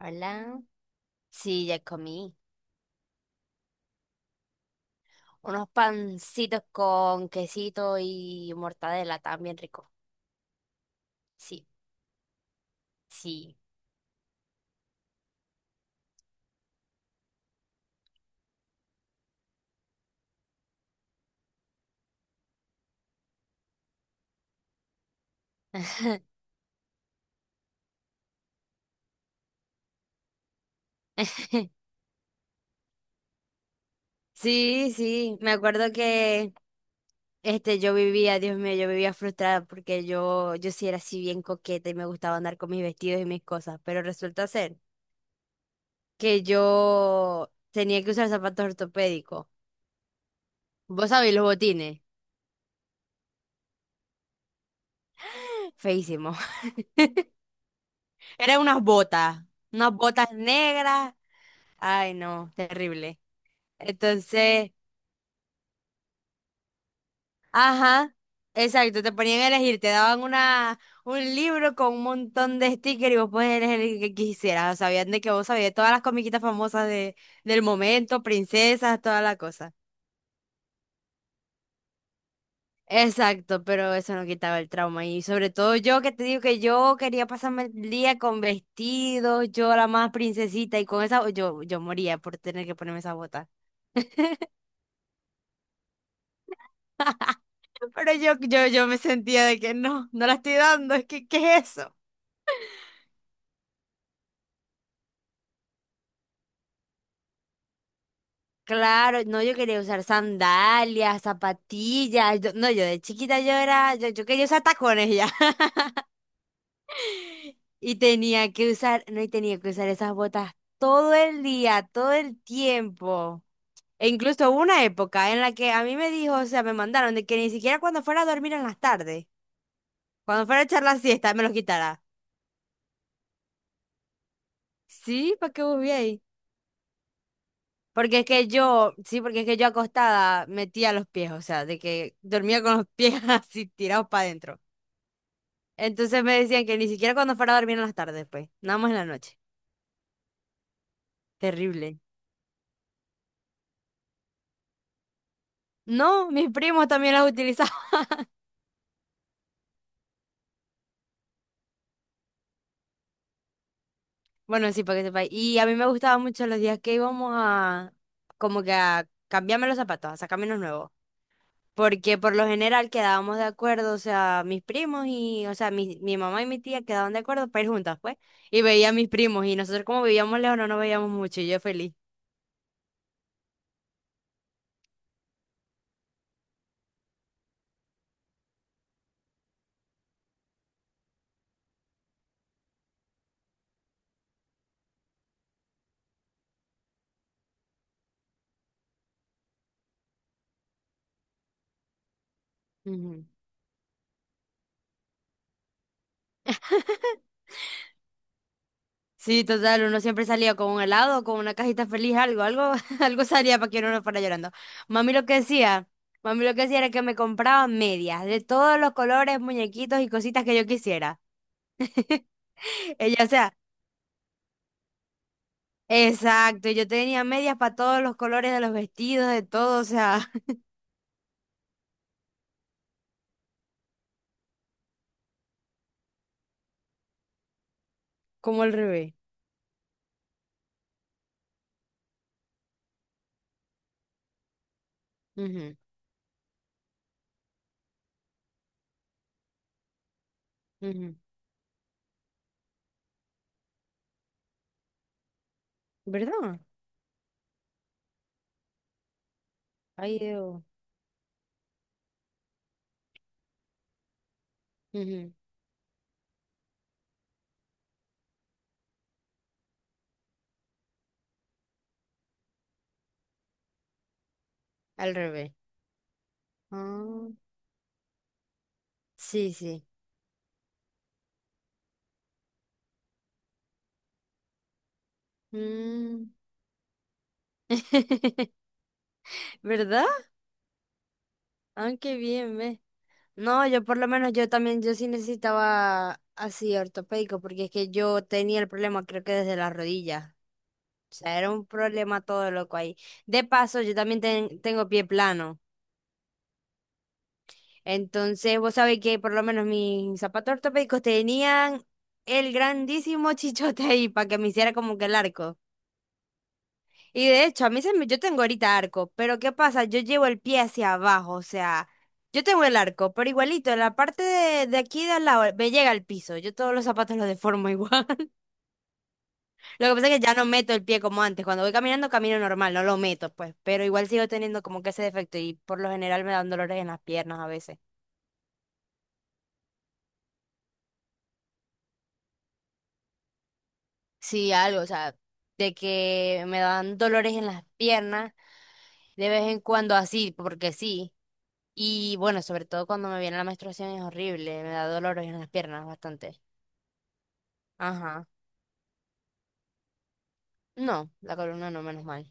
Hola. Sí, ya comí. Unos pancitos con quesito y mortadela, estaban bien rico. Sí, sí. Sí, sí. Me acuerdo que yo vivía, Dios mío, yo vivía frustrada porque yo sí era así bien coqueta y me gustaba andar con mis vestidos y mis cosas. Pero resulta ser que yo tenía que usar zapatos ortopédicos. ¿Vos sabés los botines? Feísimo. Eran unas botas. Unas botas negras. Ay, no, terrible. Entonces, ajá, exacto, te ponían a elegir, te daban un libro con un montón de stickers y vos podías elegir el que quisieras. Sabían de que vos sabías todas las comiquitas famosas del momento, princesas, toda la cosa. Exacto, pero eso no quitaba el trauma. Y sobre todo yo que te digo que yo quería pasarme el día con vestidos, yo la más princesita y con esa, yo moría por tener que ponerme esa bota. Pero yo me sentía de que no, no la estoy dando, es que, ¿qué es eso? Claro, no, yo quería usar sandalias, zapatillas. Yo- no, yo de chiquita yo quería usar tacones ya. Y tenía que usar, no, y tenía que usar esas botas todo el día, todo el tiempo. E incluso hubo una época en la que a mí me dijo, o sea, me mandaron de que ni siquiera cuando fuera a dormir en las tardes, cuando fuera a echar la siesta, me los quitara. Sí, ¿para qué vos ahí? Porque es que yo, sí, porque es que yo acostada metía los pies, o sea, de que dormía con los pies así tirados para adentro. Entonces me decían que ni siquiera cuando fuera a dormir en las tardes, pues, nada más en la noche. Terrible. No, mis primos también las utilizaban. Bueno, sí, para que sepáis. Y a mí me gustaban mucho los días que como que a cambiarme los zapatos, a sacarme los nuevos. Porque por lo general quedábamos de acuerdo, o sea, mis primos y, o sea, mi mamá y mi tía quedaban de acuerdo para ir juntas, pues. Y veía a mis primos y nosotros como vivíamos lejos no nos veíamos mucho y yo feliz. Ujú. Sí, total, uno siempre salía con un helado, con una cajita feliz, algo, algo, algo salía para que uno no fuera llorando. Mami lo que decía, mami lo que decía era que me compraba medias de todos los colores, muñequitos y cositas que yo quisiera. Ella, o sea, exacto, yo tenía medias para todos los colores de los vestidos, de todo, o sea, como al revés. Ujú, ujú. ¿Verdad? Ay, Dios. Ujú, al revés. Ah, sí, sí. Mm. ¿Verdad? Ah, qué bien, ¿ves? No, yo por lo menos yo también, yo sí necesitaba así ortopédico, porque es que yo tenía el problema creo que desde las rodillas. O sea, era un problema todo loco ahí. De paso, yo también tengo pie plano. Entonces, vos sabés que por lo menos mis zapatos ortopédicos tenían el grandísimo chichote ahí para que me hiciera como que el arco. Y de hecho, a mí se me, yo tengo ahorita arco, pero ¿qué pasa? Yo llevo el pie hacia abajo, o sea, yo tengo el arco, pero igualito, en la parte de aquí de al lado me llega al piso. Yo todos los zapatos los deformo igual. Lo que pasa es que ya no meto el pie como antes. Cuando voy caminando, camino normal, no lo meto, pues. Pero igual sigo teniendo como que ese defecto y por lo general me dan dolores en las piernas a veces. Sí, algo, o sea, de que me dan dolores en las piernas de vez en cuando así, porque sí. Y bueno, sobre todo cuando me viene la menstruación es horrible, me da dolores en las piernas bastante. Ajá. No, la columna no, menos mal.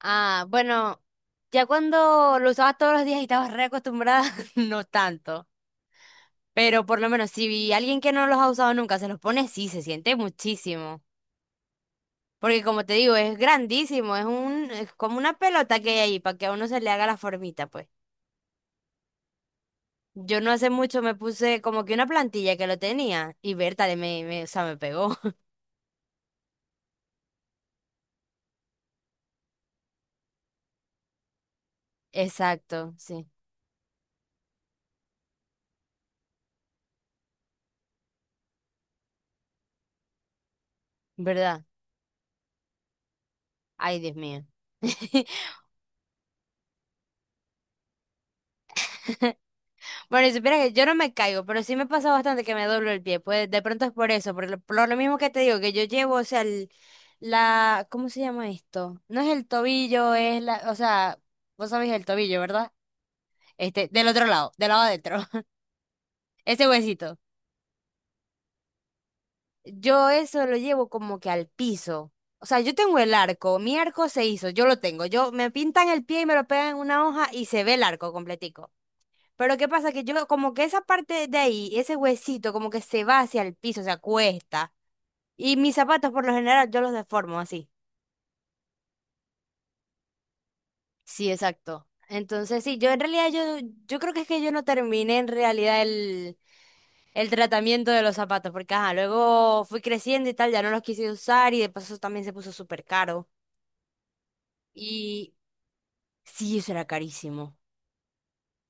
Ah, bueno, ya cuando lo usabas todos los días y estabas reacostumbrada, no tanto. Pero por lo menos si alguien que no los ha usado nunca se los pone, sí, se siente muchísimo. Porque como te digo, es grandísimo, es como una pelota que hay ahí para que a uno se le haga la formita, pues. Yo no hace mucho me puse como que una plantilla que lo tenía y Berta o sea, me pegó. Exacto, sí. ¿Verdad? Ay, Dios mío. Bueno, y supieras que yo no me caigo, pero sí me pasa bastante que me doblo el pie. Pues de pronto es por eso, por lo mismo que te digo, que yo llevo, o sea, la, ¿cómo se llama esto? No es el tobillo, es la, o sea, vos sabés el tobillo, ¿verdad? Este, del otro lado, del lado adentro, ese huesito. Yo eso lo llevo como que al piso. O sea, yo tengo el arco, mi arco se hizo, yo lo tengo. Yo me pintan el pie y me lo pegan en una hoja y se ve el arco completico. Pero ¿qué pasa? Que yo, como que esa parte de ahí, ese huesito, como que se va hacia el piso, se acuesta. Y mis zapatos, por lo general, yo los deformo así. Sí, exacto. Entonces, sí, yo en realidad, yo creo que es que yo no terminé en realidad el tratamiento de los zapatos, porque ajá, luego fui creciendo y tal, ya no los quise usar y de paso también se puso súper caro. Y sí, eso era carísimo.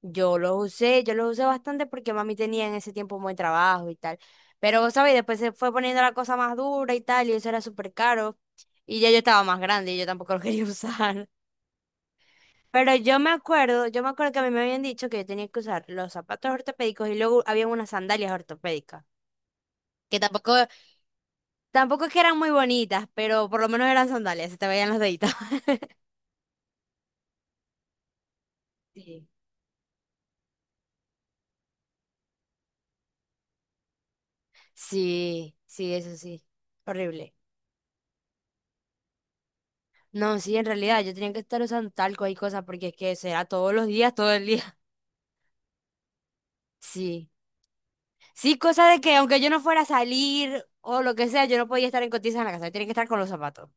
Yo los usé bastante porque mami tenía en ese tiempo un buen trabajo y tal. Pero, vos ¿sabes? Después se fue poniendo la cosa más dura y tal, y eso era súper caro. Y ya yo estaba más grande y yo tampoco lo quería usar. Pero yo me acuerdo que a mí me habían dicho que yo tenía que usar los zapatos ortopédicos y luego habían unas sandalias ortopédicas. Que tampoco es que eran muy bonitas, pero por lo menos eran sandalias, se te veían los deditos. Sí. Sí, sí, eso sí. Horrible. No, sí, en realidad yo tenía que estar usando talco y cosas porque es que será todos los días, todo el día. Sí. Sí, cosa de que aunque yo no fuera a salir o lo que sea, yo no podía estar en cotizas en la casa, yo tenía que estar con los zapatos.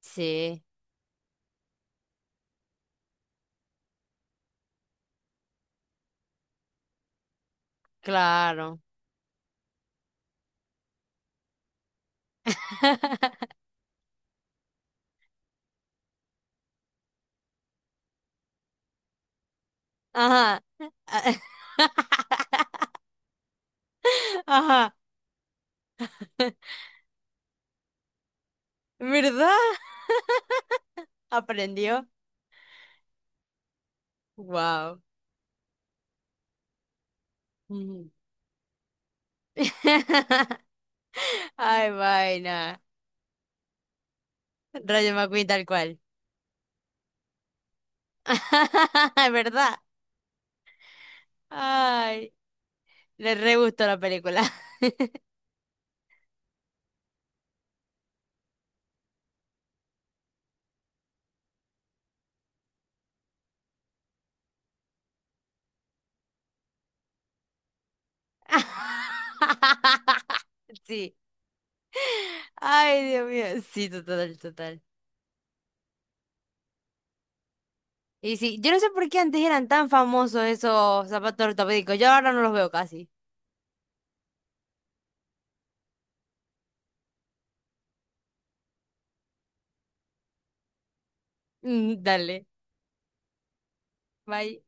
Sí, claro. Ajá. Ajá. ¿Verdad? Aprendió. Wow. Ay, vaina. Rayo McQueen tal cual. ¿Verdad? Ay. Le re gustó la película. Sí. Ay, Dios mío. Sí, total, total. Y sí, yo no sé por qué antes eran tan famosos esos zapatos ortopédicos. Yo ahora no los veo casi. Mm, dale. Bye.